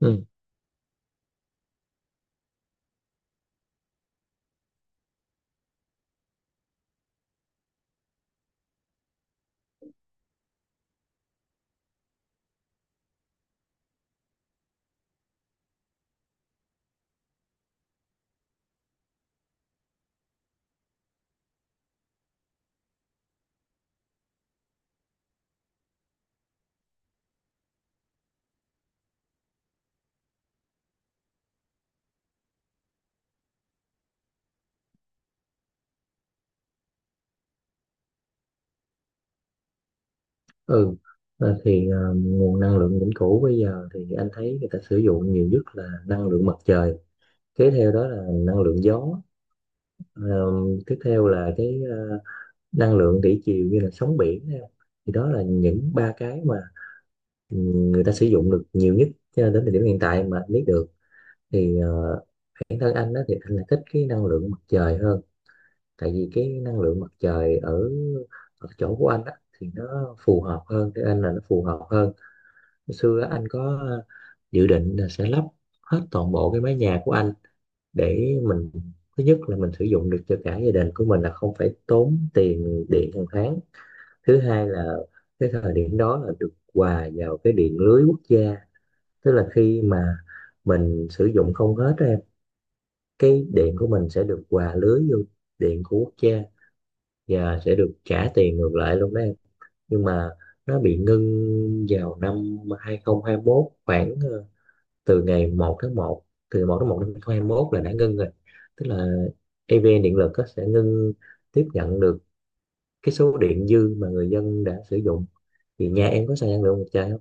Ừ. Ừ. Thì nguồn năng lượng vĩnh cửu bây giờ thì anh thấy người ta sử dụng nhiều nhất là năng lượng mặt trời, kế theo đó là năng lượng gió. Ờ, Tiếp theo là cái năng lượng thủy triều như là sóng biển nè. Thì đó là những ba cái mà người ta sử dụng được nhiều nhất, cho nên đến thời điểm hiện tại mà anh biết được thì bản thân anh đó thì anh lại thích cái năng lượng mặt trời hơn. Tại vì cái năng lượng mặt trời ở ở chỗ của anh á thì nó phù hợp hơn, cái anh là nó phù hợp hơn. Hồi xưa á, anh có dự định là sẽ lắp hết toàn bộ cái mái nhà của anh. Để mình, thứ nhất là mình sử dụng được cho cả gia đình của mình, là không phải tốn tiền điện hàng tháng. Thứ hai là cái thời điểm đó là được hòa vào cái điện lưới quốc gia. Tức là khi mà mình sử dụng không hết á em, cái điện của mình sẽ được hòa lưới vô điện của quốc gia và sẽ được trả tiền ngược lại luôn đó em. Nhưng mà nó bị ngưng vào năm 2021, khoảng từ ngày một tháng một từ ngày một tháng một năm 2021 là đã ngưng rồi. Tức là EVN điện lực á, sẽ ngưng tiếp nhận được cái số điện dư mà người dân đã sử dụng. Thì nhà em có xài năng lượng mặt trời không?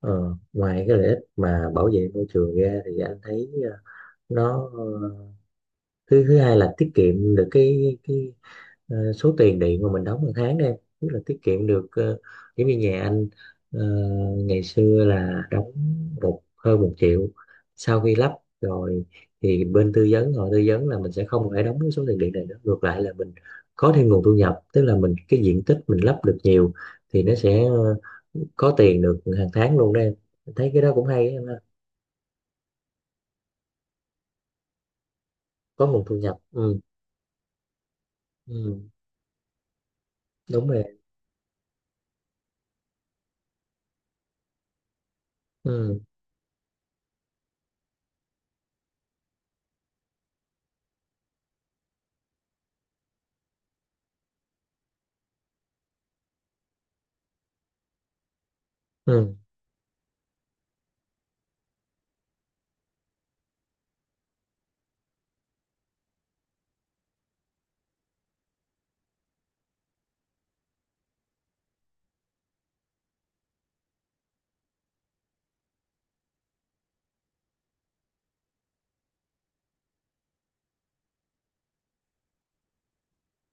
Ờ, Ngoài cái lợi ích mà bảo vệ môi trường ra thì anh thấy nó thứ thứ hai là tiết kiệm được cái số tiền điện mà mình đóng một tháng đó em, tức là tiết kiệm được giống như nhà anh ờ, ngày xưa là đóng hơn một triệu. Sau khi lắp rồi thì bên tư vấn họ tư vấn là mình sẽ không phải đóng cái số tiền điện này nữa, ngược lại là mình có thêm nguồn thu nhập. Tức là mình, cái diện tích mình lắp được nhiều thì nó sẽ có tiền được hàng tháng luôn đó em. Thấy cái đó cũng hay á em ha. Có nguồn thu nhập. Ừ. Ừ, đúng rồi. Ừ. Ừ.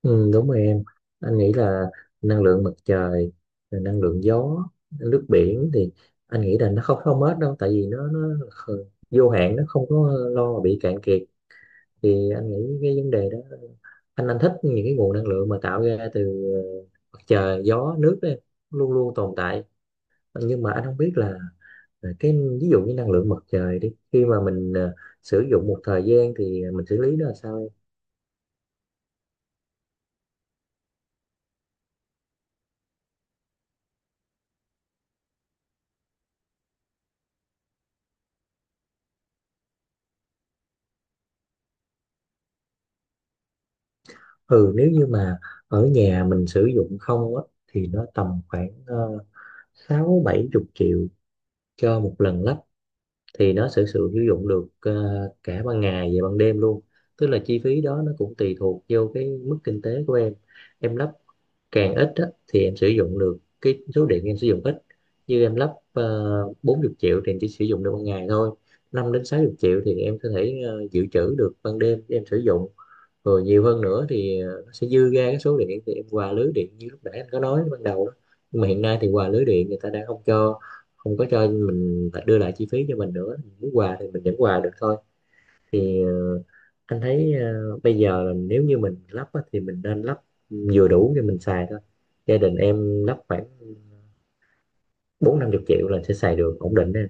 Ừ, đúng rồi em. Anh nghĩ là năng lượng mặt trời, rồi năng lượng gió, nước biển thì anh nghĩ là nó không không hết đâu, tại vì nó kh- vô hạn, nó không có lo mà bị cạn kiệt. Thì anh nghĩ cái vấn đề đó, anh thích những cái nguồn năng lượng mà tạo ra từ ờ, mặt trời, gió, nước đó em, luôn luôn tồn tại. Nhưng mà anh không biết là cái, ví dụ như năng lượng mặt trời đi, khi mà mình sử dụng một thời gian thì mình xử lý nó là sao? Ừ, nếu như mà ở nhà mình sử dụng không á thì nó tầm khoảng sáu bảy chục triệu cho một lần lắp, thì nó sẽ sử sử dụng được cả ban ngày và ban đêm luôn. Tức là chi phí đó nó cũng tùy thuộc vô cái mức kinh tế của em. Em lắp càng ít á, thì em sử dụng được cái số điện em sử dụng ít. Như em lắp 40 triệu thì em chỉ sử dụng được ban ngày thôi. Năm đến 60 triệu thì em có thể dự trữ được ban đêm để em sử dụng. Rồi nhiều hơn nữa thì nó sẽ dư ra cái số điện, thì em quà lưới điện như lúc nãy anh có nói ban đầu đó. Nhưng mà hiện nay thì quà lưới điện người ta đã không cho, không có cho mình, phải đưa lại chi phí cho mình nữa. Mình muốn quà thì mình vẫn quà được thôi. Thì anh thấy bây giờ là nếu như mình lắp á, thì mình nên lắp vừa đủ cho mình xài thôi. Gia đình em lắp khoảng bốn năm chục triệu là sẽ xài được ổn định đấy.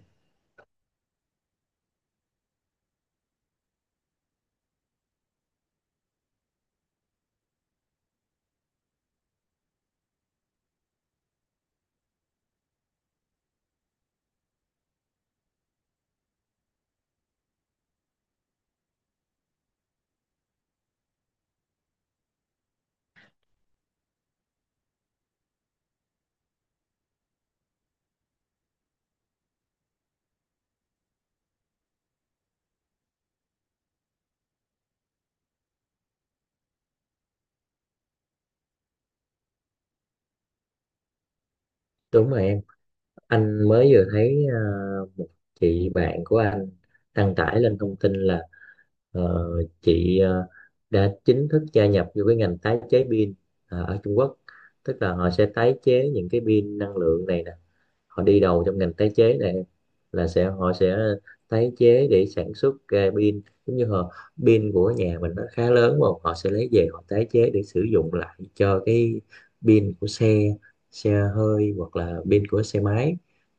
Đúng rồi em. Anh mới vừa thấy một chị bạn của anh đăng tải lên thông tin là Ờ, chị đã chính thức gia nhập vô cái ngành tái chế pin ở Trung Quốc. Tức là họ sẽ tái chế những cái pin năng lượng này nè, họ đi đầu trong ngành tái chế này. Là sẽ, họ sẽ tái chế để sản xuất ra pin. Giống như họ, pin của nhà mình nó khá lớn mà họ sẽ lấy về họ tái chế để sử dụng lại cho cái pin của xe, xe hơi hoặc là pin của xe máy.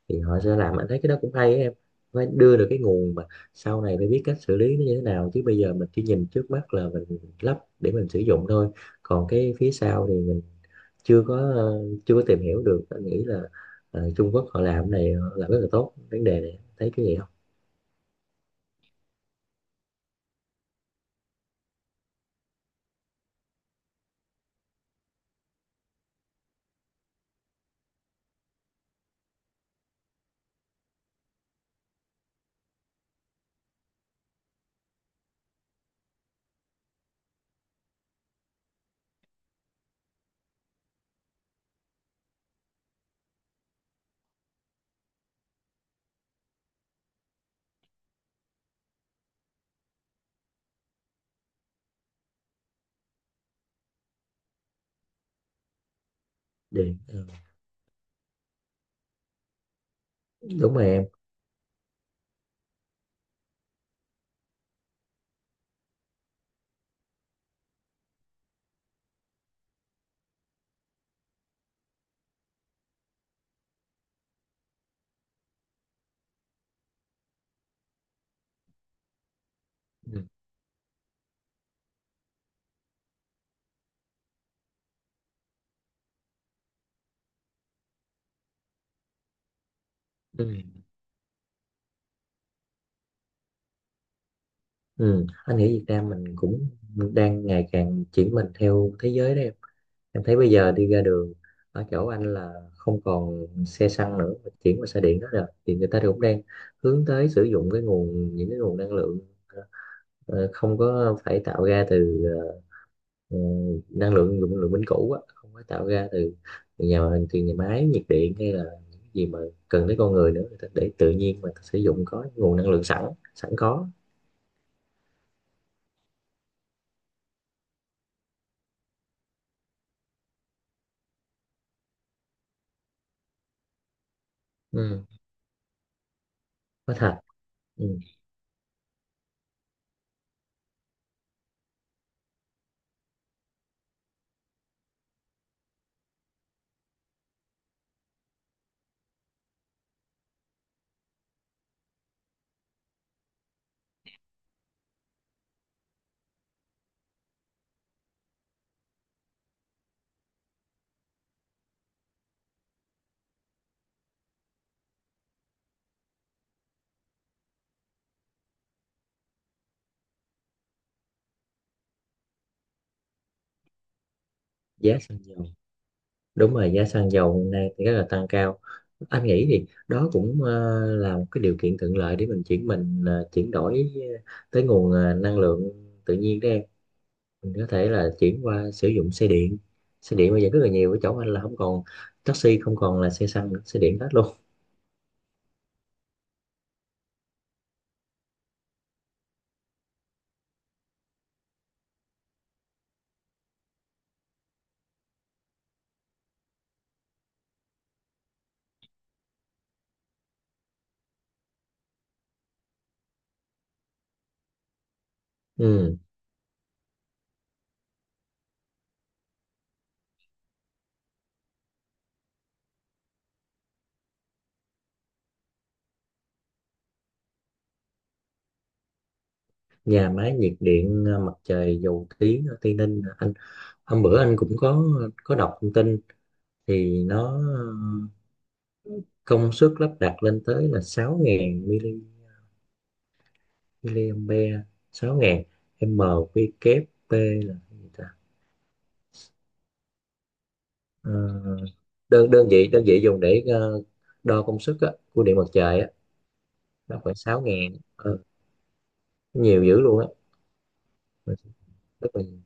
Thì họ sẽ làm, anh thấy cái đó cũng hay á em. Phải đưa được cái nguồn mà sau này phải biết cách xử lý nó như thế nào, chứ bây giờ mình chỉ nhìn trước mắt là mình lắp để mình sử dụng thôi. Còn cái phía sau thì mình chưa có ờ, chưa có tìm hiểu được. Anh nghĩ là Trung Quốc họ làm cái này, họ làm rất là tốt vấn đề này, thấy cái gì không? Điền, ừ. Đúng rồi em. Ừ. Ừ. Ừ. Anh nghĩ Việt Nam mình cũng đang ngày càng chuyển mình theo thế giới đấy em. Em thấy bây giờ đi ra đường ở chỗ anh là không còn xe xăng nữa mà chuyển qua xe điện đó rồi. Thì người ta thì cũng đang hướng tới sử dụng cái nguồn, những cái nguồn năng lượng ờ, không có phải tạo ra từ ờ, năng lượng dùng lượng vĩnh cửu á, không phải tạo ra từ nhà từ nhà máy nhiệt điện hay là những gì mà cần tới con người nữa. Người ta để tự nhiên mà sử dụng, có nguồn năng lượng sẵn, sẵn có. Ừ. Có thật. Ừ. Giá xăng dầu. Đúng rồi, giá xăng dầu hiện nay thì rất là tăng cao. Anh nghĩ thì đó cũng là một cái điều kiện thuận lợi để mình chuyển mình chuyển đổi tới nguồn năng lượng tự nhiên đó em. Mình có thể là chuyển qua sử dụng xe điện, xe điện bây giờ rất là nhiều ở chỗ anh, là không còn taxi, không còn là xe xăng nữa, xe điện hết luôn. Ừ. Nhà máy nhiệt điện mặt trời Dầu Tiếng ở Tây Ninh, anh hôm bữa anh cũng có đọc thông tin. Thì nó công suất lắp đặt lên tới là 6000 MW, helium B, 6.000 m quy kép p là cái gì ta? Ờ, đơn đơn vị dùng để đo công suất á, của điện mặt trời á. Nó khoảng 6.000. Ờ, Nhiều dữ luôn á. Mình- Rất là nhiều.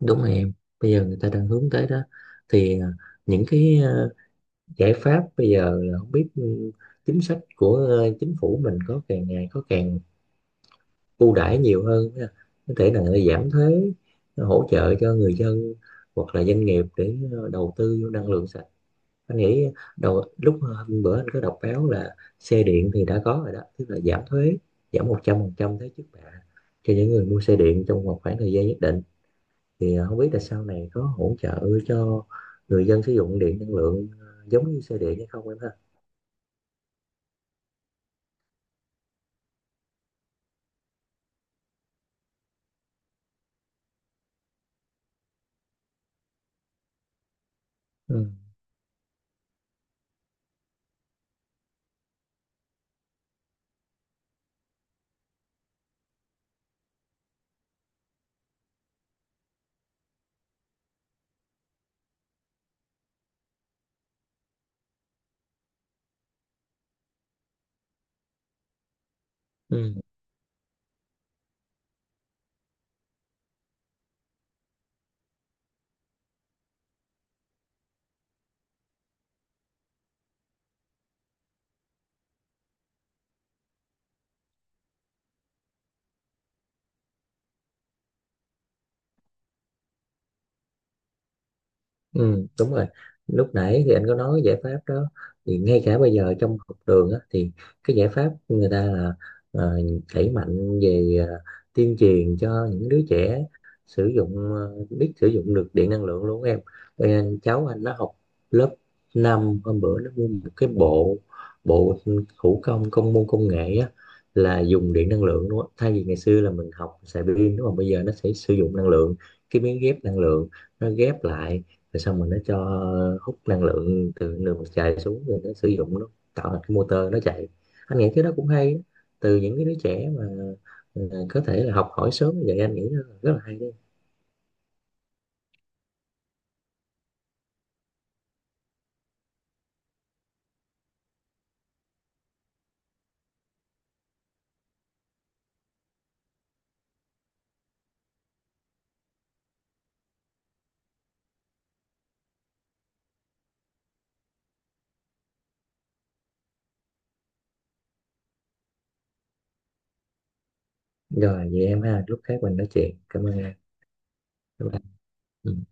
Đúng rồi em. Bây giờ người ta đang hướng tới đó. Thì những cái giải pháp bây giờ là không biết ừ, chính sách của chính phủ mình có càng ngày có càng ưu đãi nhiều hơn ha. Có thể là người ta giảm thuế, hỗ trợ cho người dân hoặc là doanh nghiệp để đầu tư vô năng lượng sạch. Anh nghĩ đầu lúc hôm bữa anh có đọc báo là xe điện thì đã có rồi đó, tức là giảm thuế, giảm 100% thuế trước bạ cho những người mua xe điện trong một khoảng thời gian nhất định. Thì không biết là sau này có hỗ trợ cho người dân sử dụng điện năng lượng giống như xe điện hay không em ha. Ừ. Ừ. Ừ, đúng rồi. Lúc nãy thì anh có nói cái giải pháp đó, thì ngay cả bây giờ trong học đường á, thì cái giải pháp người ta là ờ, đẩy mạnh về tuyên truyền cho những đứa trẻ sử dụng, biết sử dụng được điện năng lượng luôn em. Bây giờ cháu anh nó học lớp năm, hôm bữa nó mua một cái bộ, bộ thủ công công môn công nghệ á, là dùng điện năng lượng luôn á. Thay vì ngày xưa là mình học xài pin đúng không? Bây giờ nó sẽ sử dụng năng lượng, cái miếng ghép năng lượng nó ghép lại, rồi xong rồi nó cho hút năng lượng từ đường mặt trời xuống, rồi nó sử dụng nó tạo thành cái motor nó chạy. Anh nghĩ cái đó cũng hay đó. Từ những cái đứa trẻ mà ờ, có thể là học hỏi sớm như vậy, anh nghĩ nó là rất là hay đấy. Rồi vậy em ha, lúc khác mình nói chuyện, cảm ơn em. Bye bye. Ừ.